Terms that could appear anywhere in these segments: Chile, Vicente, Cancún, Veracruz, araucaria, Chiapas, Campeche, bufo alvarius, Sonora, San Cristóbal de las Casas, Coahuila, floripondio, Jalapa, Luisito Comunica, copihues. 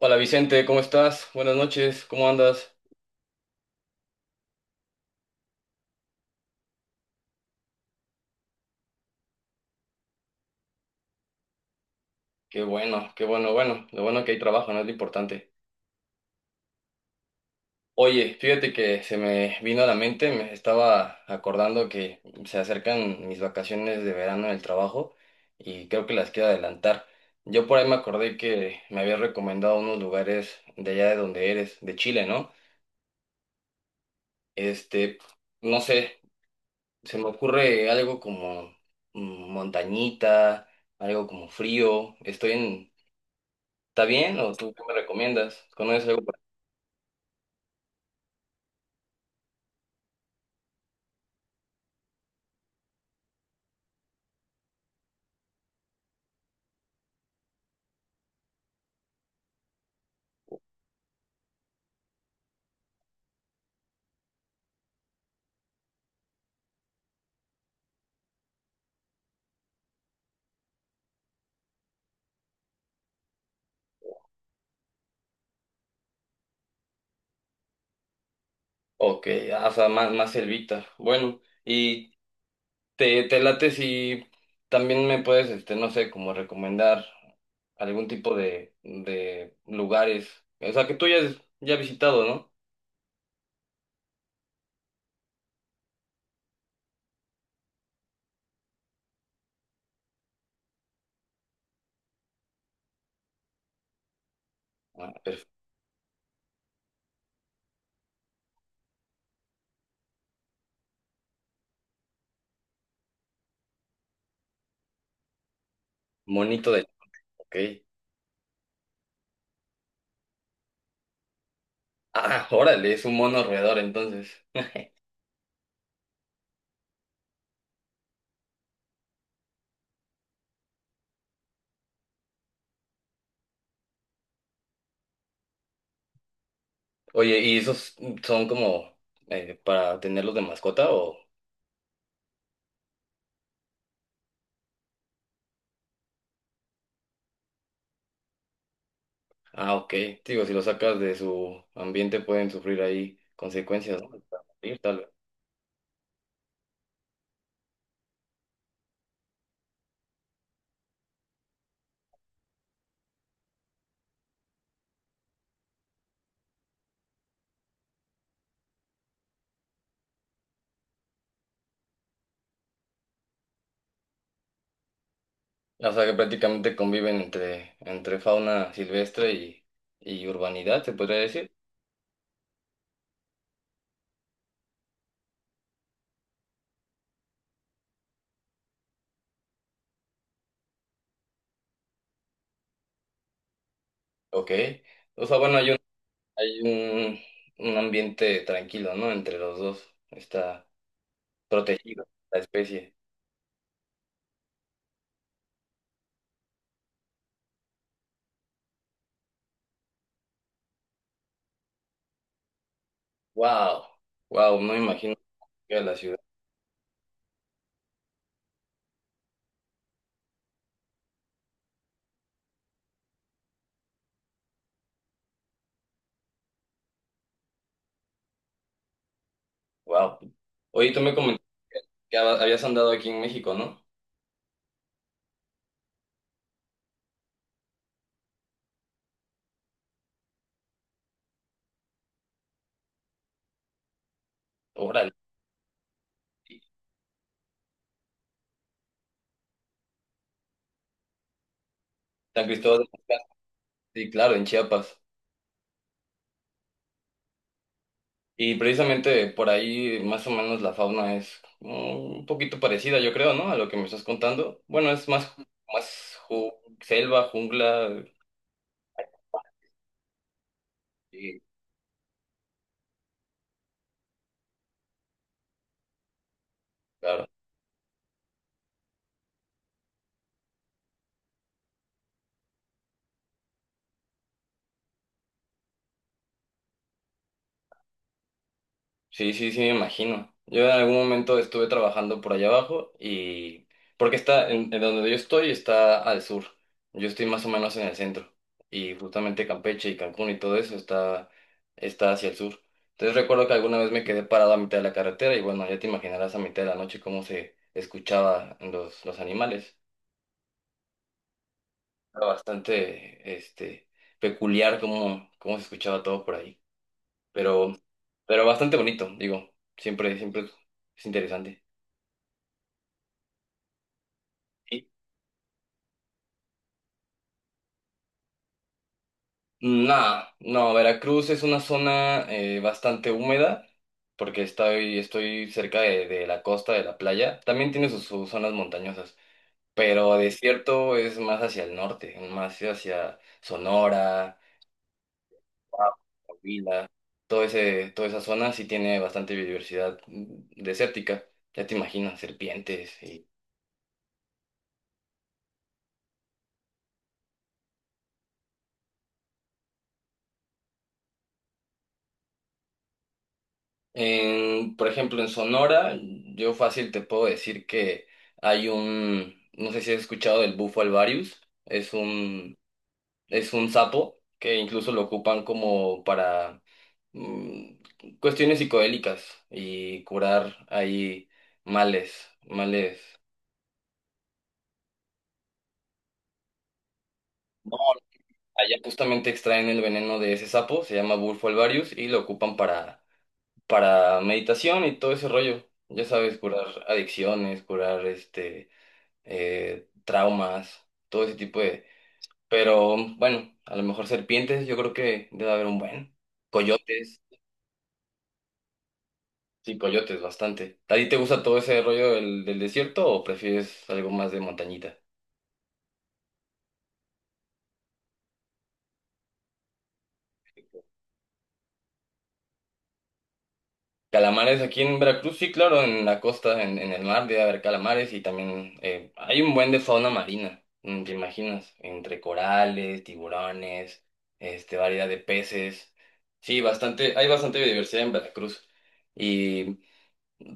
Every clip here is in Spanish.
Hola Vicente, ¿cómo estás? Buenas noches, ¿cómo andas? Qué bueno, bueno, lo bueno que hay trabajo, ¿no? Es lo importante. Oye, fíjate que se me vino a la mente, me estaba acordando que se acercan mis vacaciones de verano en el trabajo y creo que las quiero adelantar. Yo por ahí me acordé que me habías recomendado unos lugares de allá de donde eres, de Chile, ¿no? Este, no sé, se me ocurre algo como montañita, algo como frío, estoy en... ¿Está bien? ¿O tú qué me recomiendas? ¿Conoces algo? Ok, o sea, más, más selvita. Bueno, y te late si también me puedes, este, no sé, como recomendar algún tipo de lugares. O sea, que tú ya has visitado, ¿no? Ah, perfecto. Monito de... Ok. Ah, órale, es un mono roedor entonces. Oye, ¿y esos son como para tenerlos de mascota o...? Ah, ok. Digo, si lo sacas de su ambiente pueden sufrir ahí consecuencias, ¿no? Hasta morir, tal vez. O sea que prácticamente conviven entre fauna silvestre y urbanidad, se podría decir. Ok. O sea, bueno, hay un ambiente tranquilo, ¿no? Entre los dos. Está protegido la especie. Wow. Wow, no me imagino que era la ciudad. Wow. Oye, tú me comentaste que habías andado aquí en México, ¿no? Órale. San Cristóbal de las Casas. Sí, claro, en Chiapas. Y precisamente por ahí más o menos la fauna es un poquito parecida, yo creo, ¿no? A lo que me estás contando. Bueno, es más, más selva, jungla, y sí, sí, sí, me imagino. Yo en algún momento estuve trabajando por allá abajo y... Porque está, en donde yo estoy está al sur. Yo estoy más o menos en el centro. Y justamente Campeche y Cancún y todo eso está, está hacia el sur. Entonces recuerdo que alguna vez me quedé parado a mitad de la carretera y bueno, ya te imaginarás a mitad de la noche cómo se escuchaba los animales. Era bastante, este, peculiar cómo, cómo se escuchaba todo por ahí. Pero, pero bastante bonito, digo. Siempre, siempre es interesante. Nada, no, no, Veracruz es una zona bastante húmeda porque estoy, estoy cerca de la costa, de la playa. También tiene sus, sus zonas montañosas, pero desierto es más hacia el norte, más hacia Sonora, Coahuila. Todo ese, toda esa zona sí tiene bastante biodiversidad desértica. Ya te imaginas, serpientes. En, por ejemplo, en Sonora, yo fácil te puedo decir que hay un, no sé si has escuchado del bufo alvarius, es un sapo que incluso lo ocupan como para mm, cuestiones psicodélicas y curar ahí males, males. No, allá justamente extraen el veneno de ese sapo, se llama bufo alvarius y lo ocupan para meditación y todo ese rollo. Ya sabes, curar adicciones, curar este traumas, todo ese tipo de... Pero bueno, a lo mejor serpientes, yo creo que debe haber un buen. Coyotes, sí, coyotes, bastante. ¿A ti te gusta todo ese rollo del desierto o prefieres algo más de montañita? Calamares aquí en Veracruz, sí, claro, en la costa, en el mar debe haber calamares y también hay un buen de fauna marina, mm, ¿te imaginas? Entre corales, tiburones, este, variedad de peces. Sí, bastante, hay bastante biodiversidad en Veracruz. Y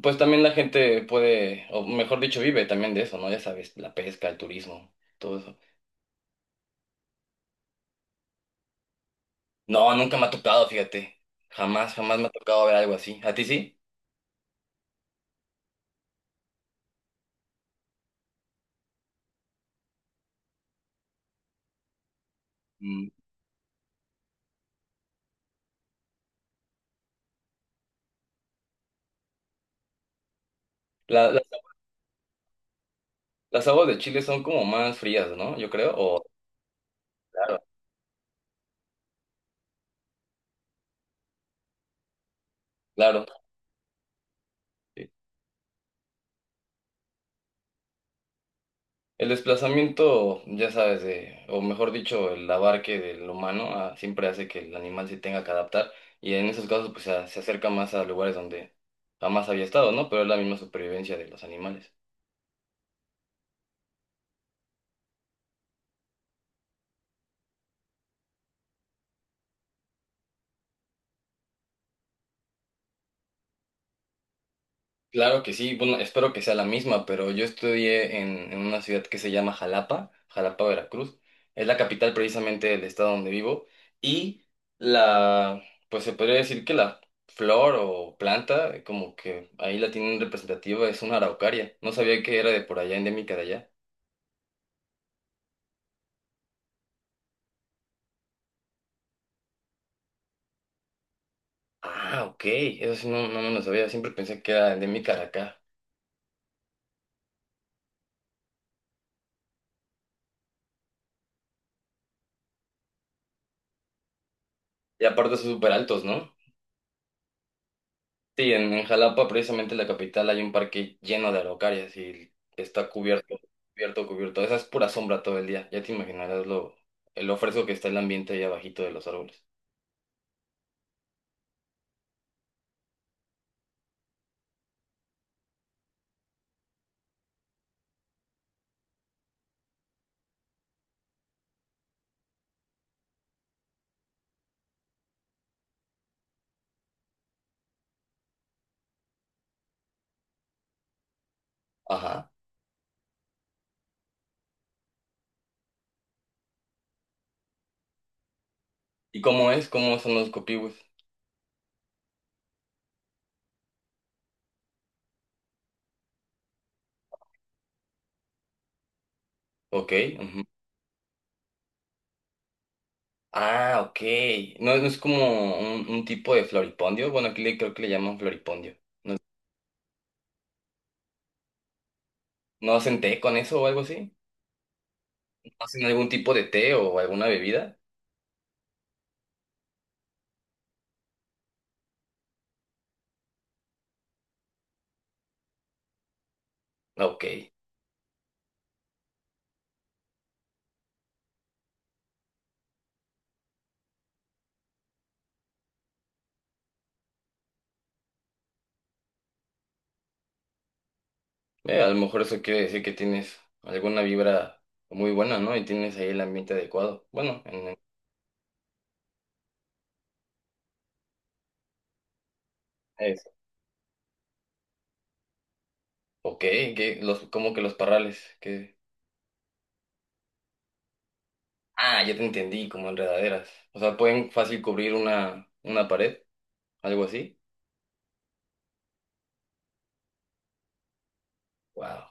pues también la gente puede, o mejor dicho, vive también de eso, ¿no? Ya sabes, la pesca, el turismo, todo eso. No, nunca me ha tocado, fíjate. Jamás, jamás me ha tocado ver algo así. ¿A ti sí? Mm. La- la- las aguas de Chile son como más frías, ¿no? Yo creo, o... Claro. Claro. Sí. El desplazamiento, ya sabes, de, o mejor dicho, el abarque del humano siempre hace que el animal se tenga que adaptar y en esos casos pues se acerca más a lugares donde jamás había estado, ¿no? Pero es la misma supervivencia de los animales. Claro que sí, bueno, espero que sea la misma, pero yo estudié en una ciudad que se llama Jalapa, Jalapa, Veracruz. Es la capital precisamente del estado donde vivo y la, pues se podría decir que la flor o planta, como que ahí la tienen representativa, es una araucaria. No sabía que era de por allá, endémica de allá. Ah, ok, eso sí no, no me lo sabía, siempre pensé que era endémica de acá. Y aparte son súper altos, ¿no? Sí, en Jalapa, precisamente la capital, hay un parque lleno de araucarias y está cubierto, cubierto, cubierto. Esa es pura sombra todo el día. Ya te imaginarás lo fresco que está el ambiente ahí abajito de los árboles. Ajá. ¿Y cómo es? ¿Cómo son los copihues? Ok. Ujú. Ah, ok. No, no es como un tipo de floripondio. Bueno, aquí le, creo que le llaman floripondio. ¿No hacen té con eso o algo así? ¿Hacen algún tipo de té o alguna bebida? Ok. A lo mejor eso quiere decir que tienes alguna vibra muy buena, ¿no? Y tienes ahí el ambiente adecuado. Bueno, eso. Ok, que los, como que los parrales, que... Ah, ya te entendí, como enredaderas. O sea, pueden fácil cubrir una pared, algo así. Wow.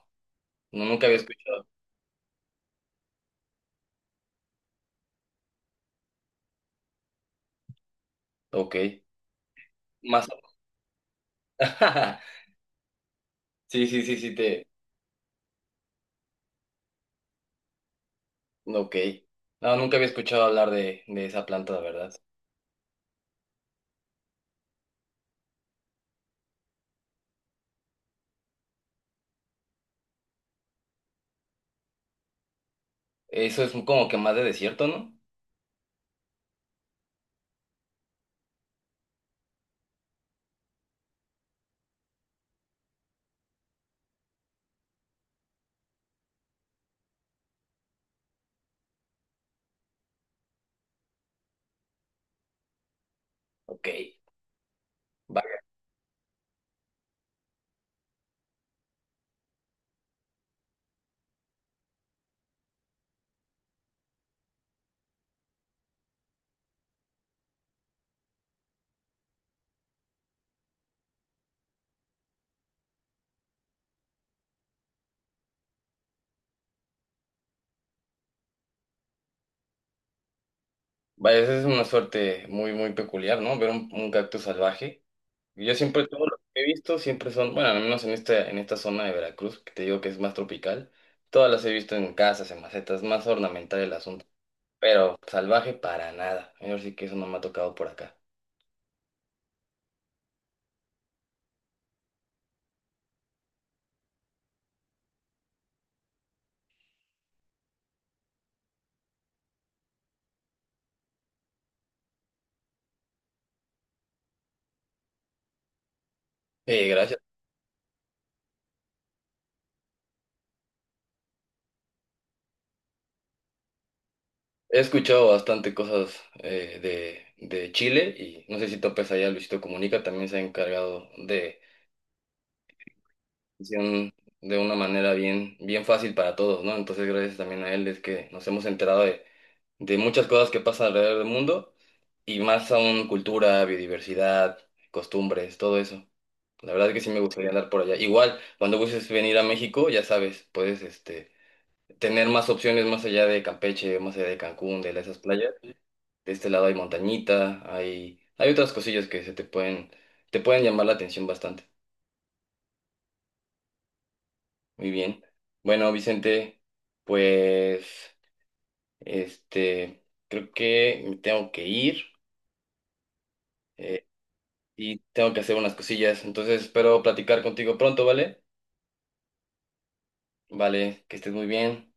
No, nunca había escuchado. Ok. Más. Sí, sí, sí, sí, te... Ok. No, nunca había escuchado hablar de esa planta, la verdad. Eso es como que más de desierto, ¿no? Ok. Vaya, esa es una suerte muy, muy peculiar, ¿no? Ver un cactus salvaje. Yo siempre, todo lo que he visto, siempre son, bueno, al menos en esta zona de Veracruz, que te digo que es más tropical, todas las he visto en casas, en macetas, más ornamental el asunto, pero salvaje para nada. Yo sí que eso no me ha tocado por acá. Gracias. He escuchado bastante cosas de Chile y no sé si topes allá, Luisito Comunica también se ha encargado de atención de una manera bien, bien fácil para todos, ¿no? Entonces, gracias también a él es que nos hemos enterado de muchas cosas que pasan alrededor del mundo y más aún cultura, biodiversidad, costumbres, todo eso. La verdad es que sí me gustaría andar por allá. Igual, cuando gustes venir a México, ya sabes, puedes este, tener más opciones más allá de Campeche, más allá de Cancún, de esas playas. De este lado hay montañita, hay otras cosillas que se te pueden llamar la atención bastante. Muy bien. Bueno, Vicente, pues este, creo que me tengo que ir eh, y tengo que hacer unas cosillas, entonces espero platicar contigo pronto, ¿vale? Vale, que estés muy bien.